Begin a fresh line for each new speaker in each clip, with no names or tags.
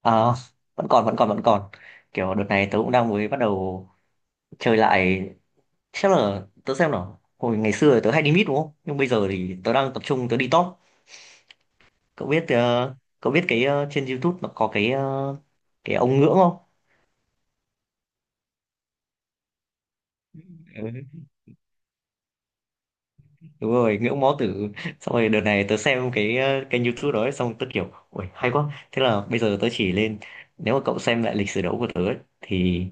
Ờ, vẫn còn, kiểu đợt này tớ cũng đang mới bắt đầu chơi lại. Chắc là tớ xem nào, hồi ngày xưa thì tớ hay đi mid đúng không, nhưng bây giờ thì tớ đang tập trung tớ đi top. Cậu biết cậu biết cái trên YouTube nó có cái cái ông ngưỡng không? Ừ, đúng rồi, ngưỡng mó tử. Xong rồi đợt này tớ xem cái kênh YouTube đó ấy, xong tớ kiểu ui hay quá, thế là bây giờ tớ chỉ lên. Nếu mà cậu xem lại lịch sử đấu của tớ ấy, thì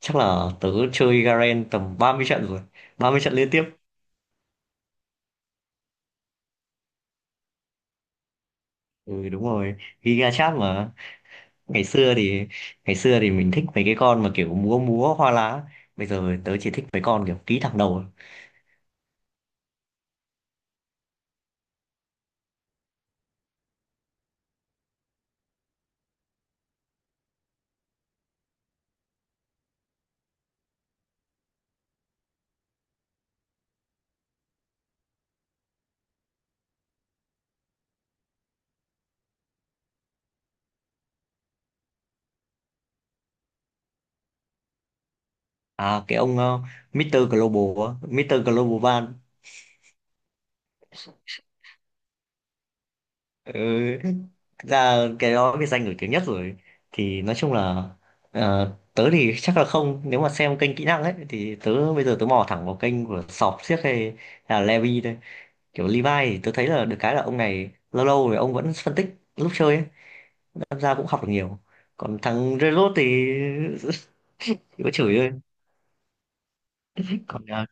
chắc là tớ chơi Garen tầm 30 trận rồi, 30 trận liên tiếp. Ừ đúng rồi, Giga Chat mà. Ngày xưa thì ngày xưa thì mình thích mấy cái con mà kiểu múa múa hoa lá. Bây giờ tớ chỉ thích mấy con kiểu ký thẳng đầu. À cái ông Mr. Global, á, Mr. Global Van. Ừ. Thực ra cái đó cái danh nổi tiếng nhất rồi. Thì nói chung là tớ thì chắc là không, nếu mà xem kênh kỹ năng ấy thì bây giờ tớ mò thẳng vào kênh của Sọp xiếc hay là Levi thôi. Kiểu Levi thì tớ thấy là được cái là ông này lâu lâu rồi ông vẫn phân tích lúc chơi ấy, tham gia cũng học được nhiều. Còn thằng Zerot thì chỉ có chửi thôi. Còn à,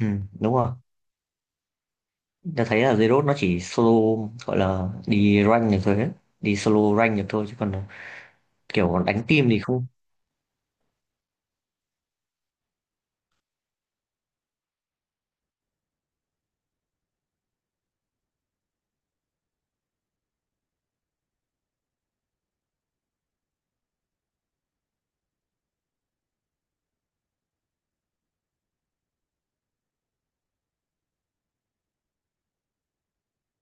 ừ, đúng rồi, ta thấy là Zerot nó chỉ solo, gọi là đi rank được thôi ấy. Đi solo rank được thôi chứ còn à, kiểu đánh team thì không.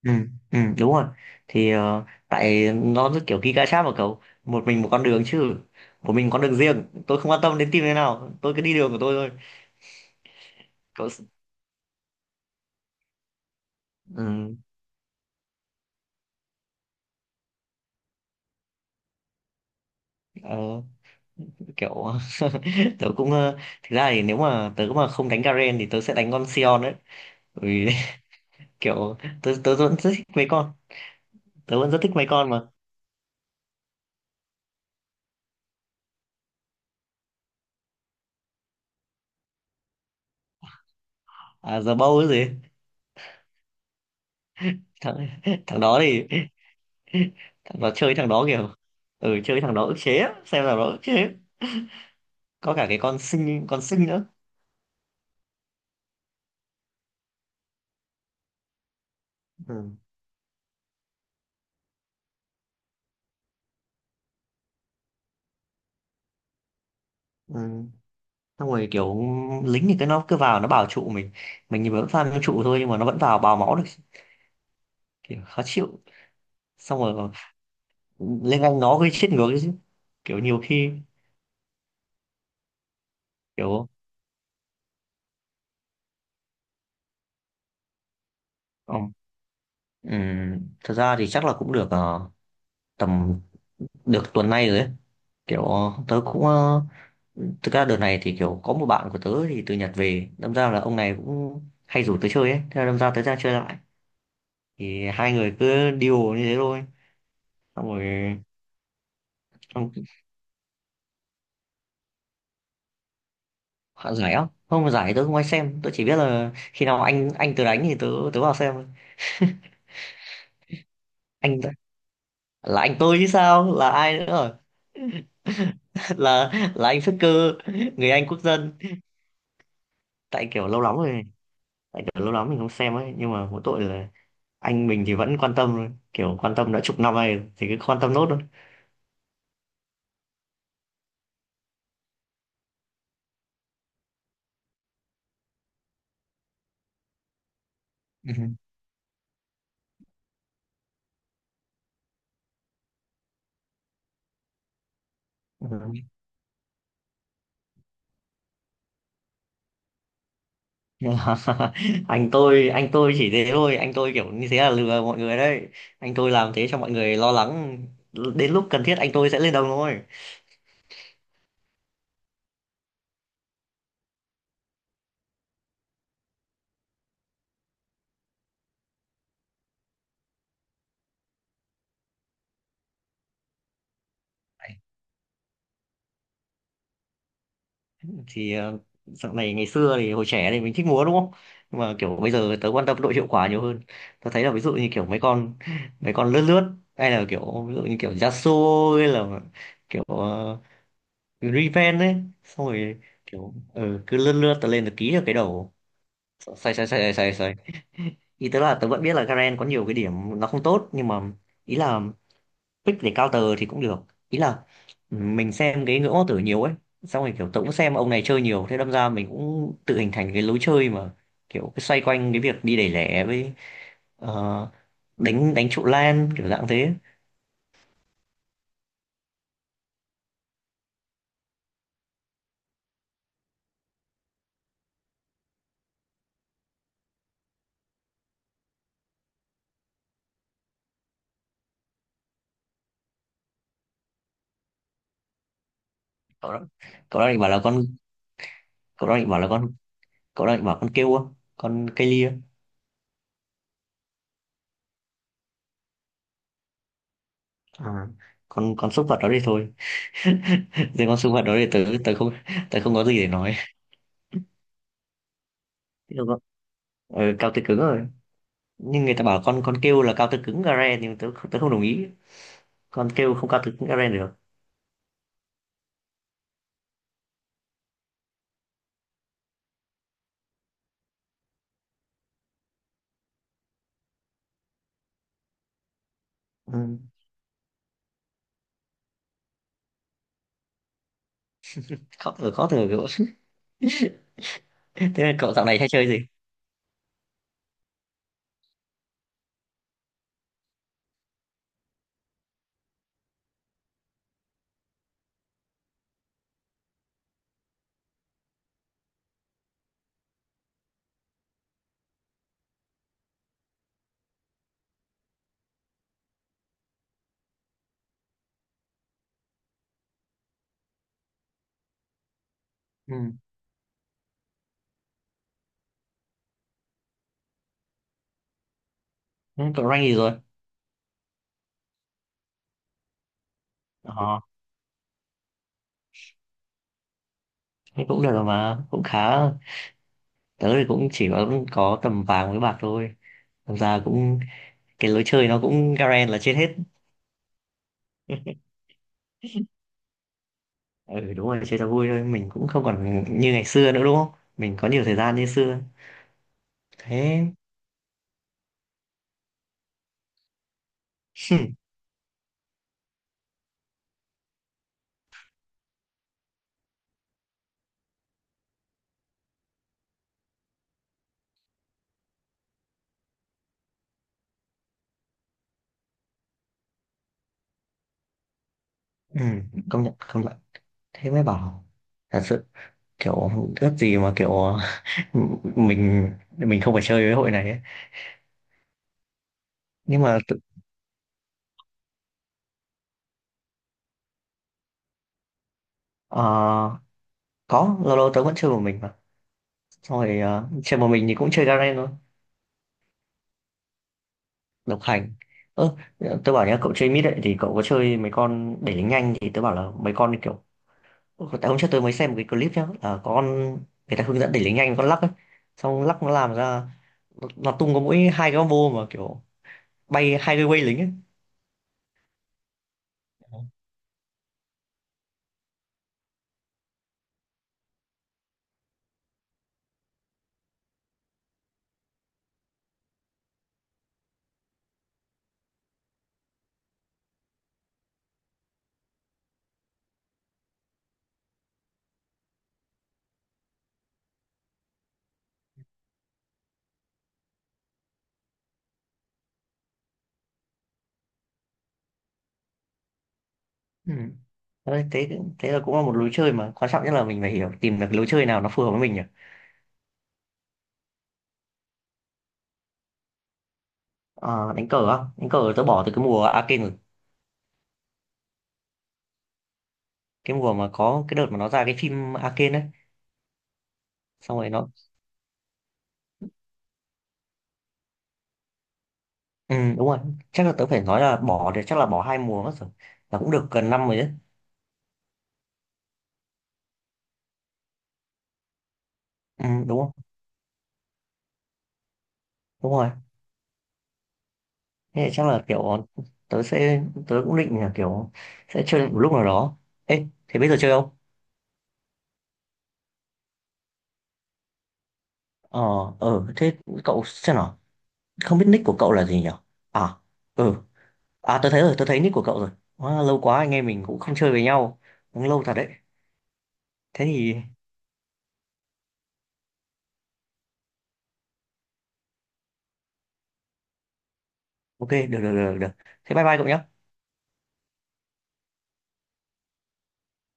Ừ, ừ, đúng rồi. Thì ờ, tại nó rất kiểu kỹ gacha mà, cậu một mình một con đường, chứ một mình con đường riêng, tôi không quan tâm đến team thế nào, tôi cứ đi đường của tôi thôi. Cậu. Ừ, ờ. Kiểu tớ cũng ờ, thực ra thì nếu mà tớ mà không đánh Garen thì tớ sẽ đánh con Sion đấy. Bởi vì kiểu tớ tớ vẫn rất thích mấy con, tớ vẫn rất thích mấy con mà à giờ bâu cái gì. Thằng thằng đó thì thằng đó chơi, thằng đó kiểu ừ, chơi thằng đó ức chế á, xem thằng đó ức chế. Có cả cái con sinh, con sinh nữa. Ừ. Ừ. Xong rồi kiểu lính thì cái nó cứ vào nó bảo trụ mình thì vẫn farm cho trụ thôi nhưng mà nó vẫn vào bào máu được, kiểu khó chịu. Xong rồi lên Anh nó gây chết ngược đấy chứ, kiểu nhiều khi kiểu ờ, thật ra thì chắc là cũng được tầm được tuần nay rồi ấy. Kiểu thực ra đợt này thì kiểu có một bạn của tớ thì từ Nhật về, đâm ra là ông này cũng hay rủ tớ chơi ấy, thế là đâm ra tớ ra chơi lại. Thì hai người cứ điều như thế thôi. Xong rồi. Xong hạ giải á, không, giải tớ không ai xem, tớ chỉ biết là khi nào anh tớ đánh thì tớ, tớ vào xem thôi. Anh là anh tôi chứ sao là ai nữa, là là anh xuất cư, người Anh quốc dân. Tại kiểu lâu lắm rồi, tại kiểu lâu lắm mình không xem ấy, nhưng mà mỗi tội là anh mình thì vẫn quan tâm thôi. Kiểu quan tâm đã 10 năm nay rồi, thì cứ quan tâm nốt thôi. Ừ. Ừ. Anh tôi chỉ thế thôi, anh tôi kiểu như thế là lừa mọi người đấy, anh tôi làm thế cho mọi người lo lắng. Đến lúc cần thiết anh tôi sẽ lên đồng thôi. Thì ờ, dạo này ngày xưa thì hồi trẻ thì mình thích múa đúng không, nhưng mà kiểu bây giờ tớ quan tâm độ hiệu quả nhiều hơn. Tớ thấy là ví dụ như kiểu mấy con, mấy con lướt lướt, hay là kiểu ví dụ như kiểu Yasuo hay là kiểu Riven ấy. Xong rồi kiểu ừ, cứ lướt lướt tớ lên tớ ký được cái đầu. Sai sai sai sai sai, ý tớ là tớ vẫn biết là Garen có nhiều cái điểm nó không tốt, nhưng mà ý là pick để counter thì cũng được. Ý là mình xem cái ngưỡng hoàng tử nhiều ấy, xong rồi kiểu tôi cũng xem ông này chơi nhiều thế, đâm ra mình cũng tự hình thành cái lối chơi mà kiểu cái xoay quanh cái việc đi đẩy lẻ với ờ, đánh, đánh trụ lan kiểu dạng thế. Cậu đó, cậu đang định bảo là con cậu đang định bảo là con cậu đang định bảo con kêu không, con cây lia. À. Con súc vật đó đi thôi. Riêng con súc vật đó thì tớ tớ không tớ không có gì để nói. Thế là- con- ờ, cao tơ cứng rồi, nhưng người ta bảo con kêu là cao tơ cứng gare, nhưng tớ tớ không đồng ý. Con kêu không cao từ cũng Eren được. Ừ. Khó thở, khó thở kiểu thế là cậu dạo này hay chơi gì? Ừ. Ừ, cậu rank gì rồi? Ờ thế cũng được rồi mà cũng khá, tớ thì cũng chỉ có tầm vàng với bạc thôi. Thật ra cũng cái lối chơi nó cũng Garen là chết hết. Ừ đúng rồi, chơi cho vui thôi, mình cũng không còn như ngày xưa nữa đúng không, mình có nhiều thời gian như xưa. Thế ừ, công nhận công nhận. Thế mới bảo, thật sự kiểu, ước gì mà kiểu mình mình không phải chơi với hội này ấy. Nhưng mà tự- ờ, có lâu lâu tớ vẫn chơi một mình mà. Xong rồi ờ, chơi một mình thì cũng chơi Garen thôi, độc hành. Ơ, tớ bảo nhá, cậu chơi mid ấy thì cậu có chơi mấy con để lính nhanh, thì tớ bảo là mấy con kiểu, tại hôm trước tớ mới xem một cái clip nhá là có con người ta hướng dẫn để lính nhanh, con lắc ấy, xong lắc nó làm ra nó tung có mỗi 2 cái combo mà kiểu bay 2 cái way lính ấy. Ừ. Đấy, thế thế là cũng là một lối chơi, mà quan trọng nhất là mình phải hiểu tìm được lối chơi nào nó phù hợp với mình nhỉ. Ờ, đánh cờ á, đánh cờ tớ bỏ từ cái mùa Arcane rồi. Cái mùa mà có cái đợt mà nó ra cái phim Arcane ấy, xong rồi nó ừ, đúng rồi. Chắc là tớ phải nói là bỏ thì chắc là bỏ 2 mùa mất rồi, là cũng được gần năm rồi đấy. Ừ, đúng không, đúng rồi. Thế thì chắc là kiểu tớ sẽ, tớ cũng định là kiểu sẽ chơi một lúc nào đó. Ê thế bây giờ chơi không? Ờ, ờ thế, cậu xem nào, không biết nick của cậu là gì nhỉ? À, ừ, à tớ thấy rồi, tớ thấy nick của cậu rồi. Quá lâu, quá anh em mình cũng không chơi với nhau, cũng lâu thật đấy. Thế thì ok, được được được được, thế bye bye cậu nhé.